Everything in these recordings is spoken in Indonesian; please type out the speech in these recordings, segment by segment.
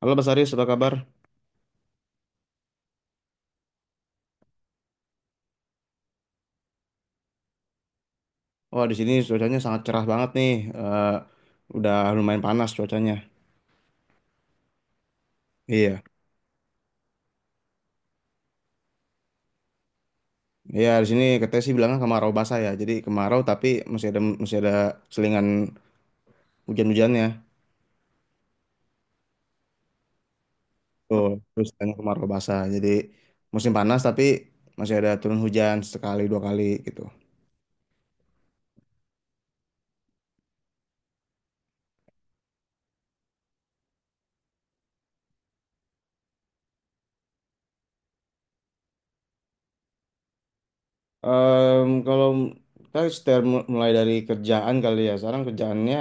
Halo Mas Aris, apa kabar? Wah, di sini cuacanya sangat cerah banget nih. Eh, udah lumayan panas cuacanya. Iya, iya, di sini katanya sih bilangnya kemarau basah ya. Jadi kemarau tapi masih ada selingan hujan-hujannya. Tuh, terus tanya kemarau basah. Jadi musim panas tapi masih ada turun hujan sekali dua kali gitu. Kalau kita setel- mulai dari kerjaan kali ya. Sekarang kerjaannya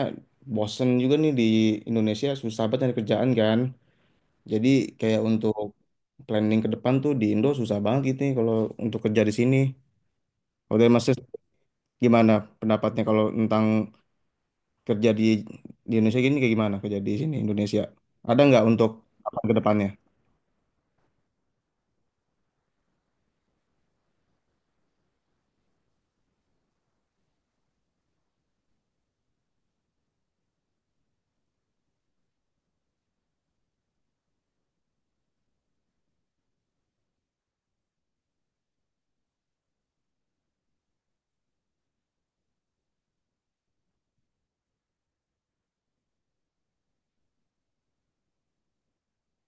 bosen juga nih, di Indonesia susah banget nyari kerjaan kan. Jadi kayak untuk planning ke depan tuh, di Indo susah banget gitu nih kalau untuk kerja di sini. Kalau dari Mas Sis, gimana pendapatnya kalau tentang kerja di Indonesia gini, kayak gimana kerja di sini Indonesia? Ada nggak untuk apa ke depannya?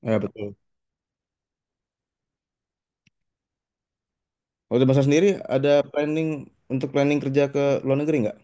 Ya betul. Kalau dari Mas Sis sendiri ada planning untuk planning kerja ke luar negeri nggak?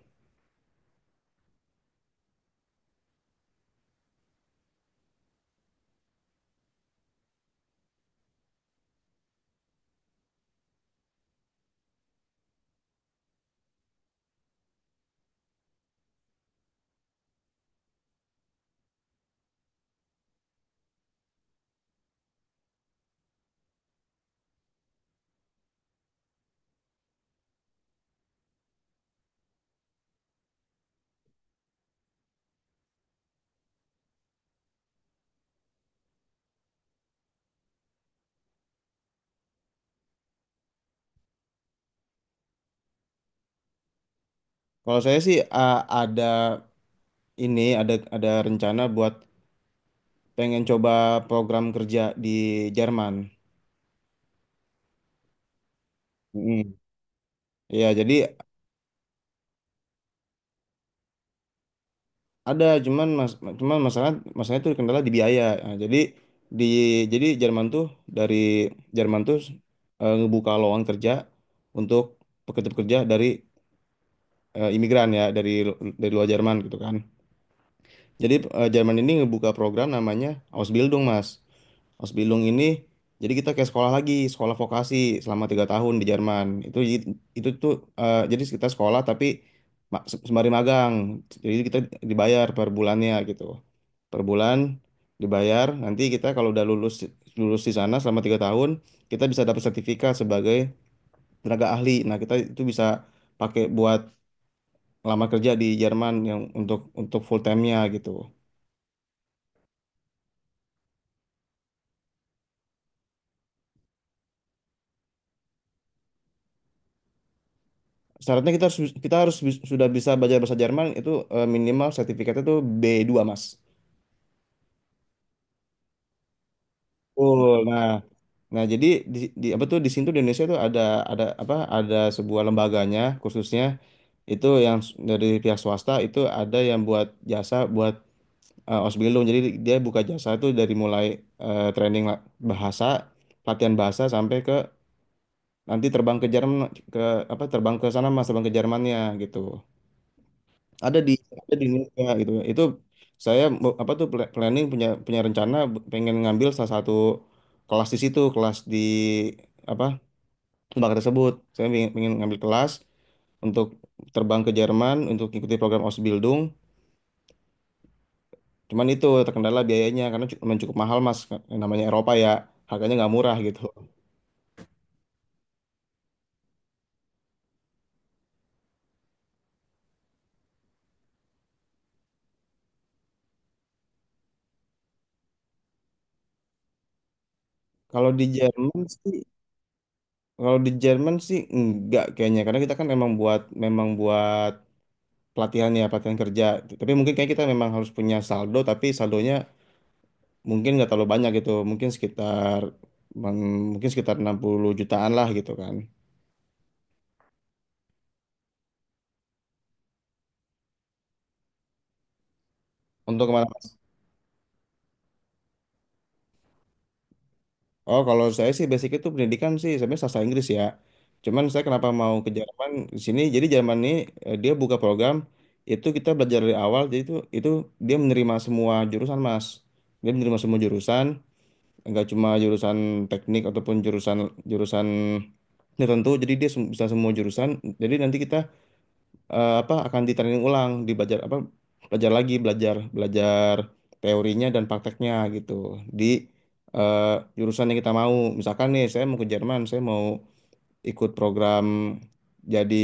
Kalau saya sih ada, ini ada rencana buat pengen coba program kerja di Jerman. Mm. Iya, jadi ada. Cuman mas, cuman masalah masalah itu kendala di biaya. Nah, jadi di jadi Jerman tuh, dari Jerman tuh ngebuka lowongan kerja untuk pekerja-pekerja dari imigran ya, dari dari luar Jerman gitu kan. Jadi Jerman ini ngebuka program namanya Ausbildung, Mas. Ausbildung ini, jadi kita kayak sekolah lagi, sekolah vokasi selama 3 tahun di Jerman. Itu tuh, jadi kita sekolah tapi sembari magang. Jadi kita dibayar per bulannya gitu. Per bulan dibayar. Nanti kita kalau udah lulus lulus di sana selama 3 tahun, kita bisa dapat sertifikat sebagai tenaga ahli. Nah, kita itu bisa pakai buat lamar kerja di Jerman yang untuk full time-nya gitu. Syaratnya kita harus sudah bisa belajar bahasa Jerman itu, minimal sertifikatnya tuh B2 Mas. Betul. Nah, nah, jadi di, apa tuh, di sini tuh di Indonesia tuh ada sebuah lembaganya, khususnya itu yang dari pihak swasta itu, ada yang buat jasa buat Osbilung. Jadi dia buka jasa itu dari mulai training bahasa, latihan bahasa, sampai ke nanti terbang ke Jerman, ke apa, terbang ke sana Mas, terbang ke Jermannya gitu. ada di ada di Indonesia gitu. Itu saya apa tuh, planning, punya punya rencana, pengen ngambil salah satu kelas di situ, kelas di apa, lembaga tersebut. Saya ingin ngambil kelas untuk terbang ke Jerman, untuk ikuti program Ausbildung. Cuman itu terkendala biayanya, karena memang cukup mahal mas. Yang namanya Eropa ya, harganya nggak murah gitu. kalau di Jerman sih Kalau di Jerman sih enggak kayaknya, karena kita kan memang buat, pelatihan ya, pelatihan kerja. Tapi mungkin kayak kita memang harus punya saldo, tapi saldonya mungkin nggak terlalu banyak gitu, mungkin sekitar, mungkin sekitar 60 jutaan lah gitu kan. Untuk kemana Mas? Oh, kalau saya sih basic itu pendidikan sih sebenarnya sastra Inggris ya. Cuman saya, kenapa mau ke Jerman di sini, jadi Jerman ini dia buka program itu, kita belajar dari awal. Jadi itu dia menerima semua jurusan Mas, dia menerima semua jurusan, nggak cuma jurusan teknik ataupun jurusan, jurusan tertentu. Jadi dia bisa semua jurusan. Jadi nanti kita apa, akan ditraining ulang di apa, belajar lagi, belajar belajar teorinya dan prakteknya gitu, di eh, jurusan yang kita mau. Misalkan nih saya mau ke Jerman, saya mau ikut program, jadi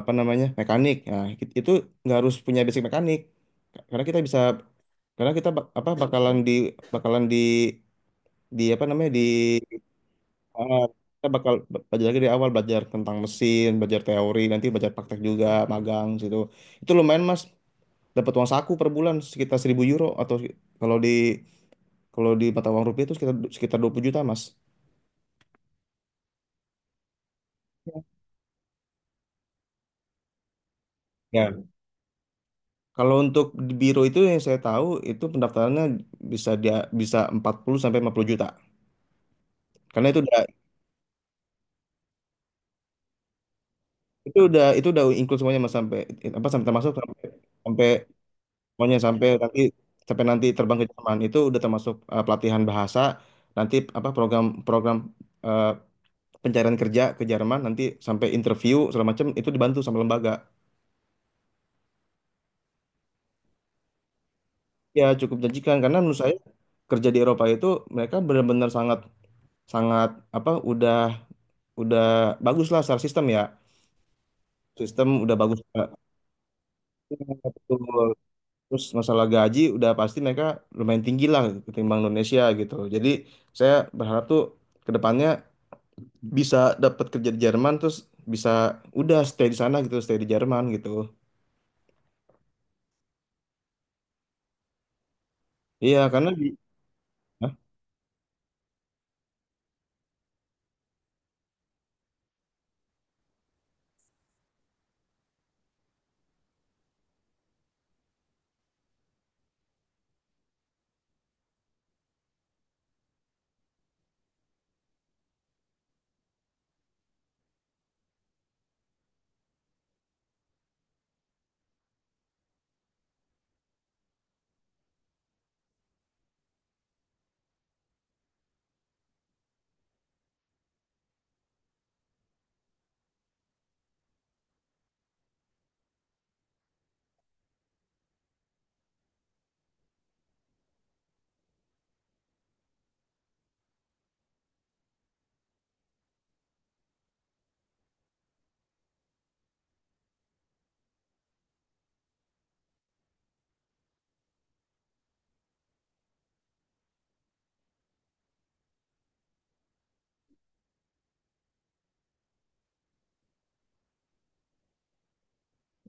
apa namanya, mekanik. Nah itu nggak harus punya basic mekanik, karena kita bisa, karena kita apa, bakalan di, bakalan di apa namanya, di, uh, kita bakal belajar lagi dari awal, belajar tentang mesin, belajar teori, nanti belajar praktek juga, magang situ. Itu lumayan mas, dapat uang saku per bulan sekitar 1.000 euro, atau kalau di, mata uang rupiah itu sekitar sekitar 20 juta mas. Ya. Kalau untuk di biro itu, yang saya tahu itu pendaftarannya bisa, dia bisa 40 sampai 50 juta, karena itu udah include semuanya mas, sampai apa, sampai termasuk, sampai sampai semuanya, sampai nanti terbang ke Jerman. Itu udah termasuk pelatihan bahasa. Nanti apa, program program eh, pencarian kerja ke Jerman, nanti sampai interview segala macam itu dibantu sama lembaga. Ya, cukup menjanjikan, karena menurut saya kerja di Eropa itu, mereka benar-benar sangat, sangat apa, udah bagus lah secara sistem ya. Sistem udah bagus. Betul. Terus masalah gaji udah pasti mereka lumayan tinggi lah ketimbang Indonesia gitu. Jadi saya berharap tuh ke depannya bisa dapat kerja di Jerman, terus bisa udah stay di sana gitu, stay di Jerman gitu. Iya, karena di... Hah?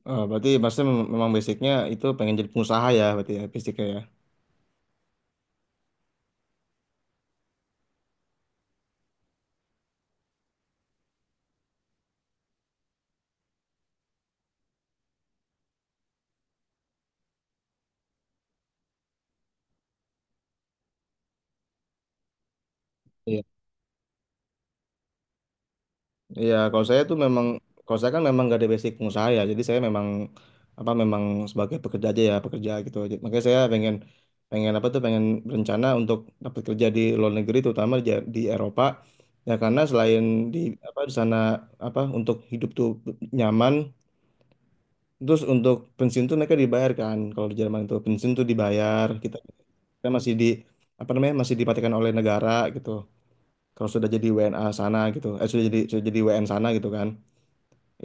Ah, berarti maksudnya, memang basicnya itu pengen jadi pengusaha ya berarti ya, basicnya ya. Iya, iya, kalau saya kan memang gak ada basic pengusaha ya. Jadi saya memang apa, sebagai pekerja aja ya, pekerja gitu. Jadi, makanya saya pengen, pengen apa tuh pengen berencana untuk dapat kerja di luar negeri, terutama di Eropa ya. Karena selain di apa, di sana apa, untuk hidup tuh nyaman. Terus untuk pensiun tuh mereka dibayar kan. Kalau di Jerman itu pensiun tuh dibayar. Kita masih di apa namanya, masih dipatikan oleh negara gitu. Kalau sudah jadi WNA sana gitu, eh, sudah jadi, WN sana gitu kan.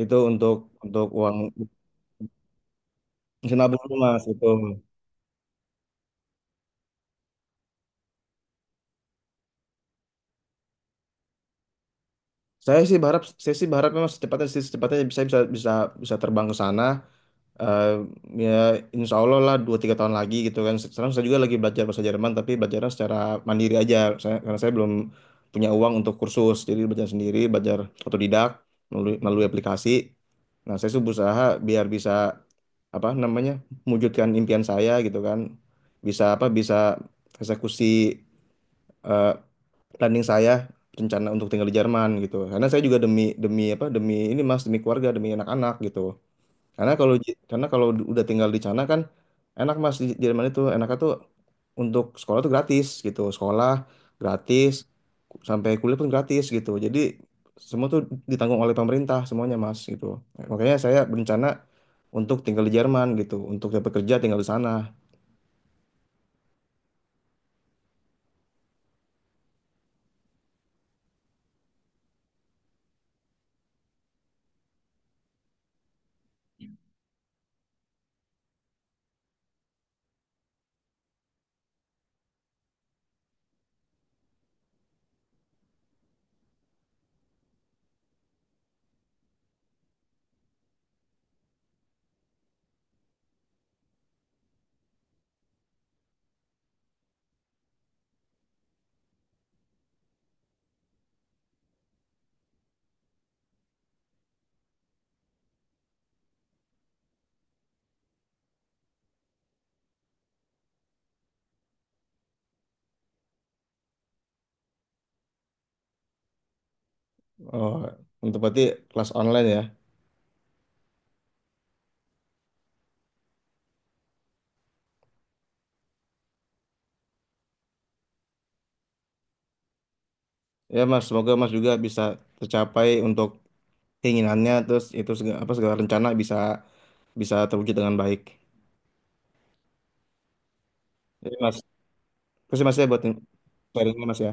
Itu untuk uang senabung mas itu. Saya sih berharap memang secepatnya, secepatnya bisa, bisa bisa bisa terbang ke sana. Eh, Ya, insya Allah lah 2-3 tahun lagi gitu kan. Sekarang saya juga lagi belajar bahasa Jerman, tapi belajarnya secara mandiri aja. Karena saya belum punya uang untuk kursus. Jadi belajar sendiri, belajar otodidak, melalui aplikasi. Nah, saya sih berusaha biar bisa apa namanya, mewujudkan impian saya gitu kan. Bisa eksekusi eh, planning saya, rencana untuk tinggal di Jerman gitu. Karena saya juga demi, demi apa demi ini Mas, demi keluarga, demi anak-anak gitu. Karena kalau udah tinggal di sana kan enak Mas. Di Jerman itu enaknya tuh untuk sekolah tuh gratis gitu. Sekolah gratis, sampai kuliah pun gratis gitu. Jadi semua tuh ditanggung oleh pemerintah semuanya Mas gitu. Makanya saya berencana untuk tinggal di Jerman gitu, untuk dapat kerja tinggal di sana. Oh, untuk berarti kelas online ya. Ya Mas, semoga Mas juga bisa tercapai untuk keinginannya, terus itu segala, apa, segala rencana bisa, terwujud dengan baik. Jadi Mas, terima kasih Mas ya, buat sharingnya Mas ya.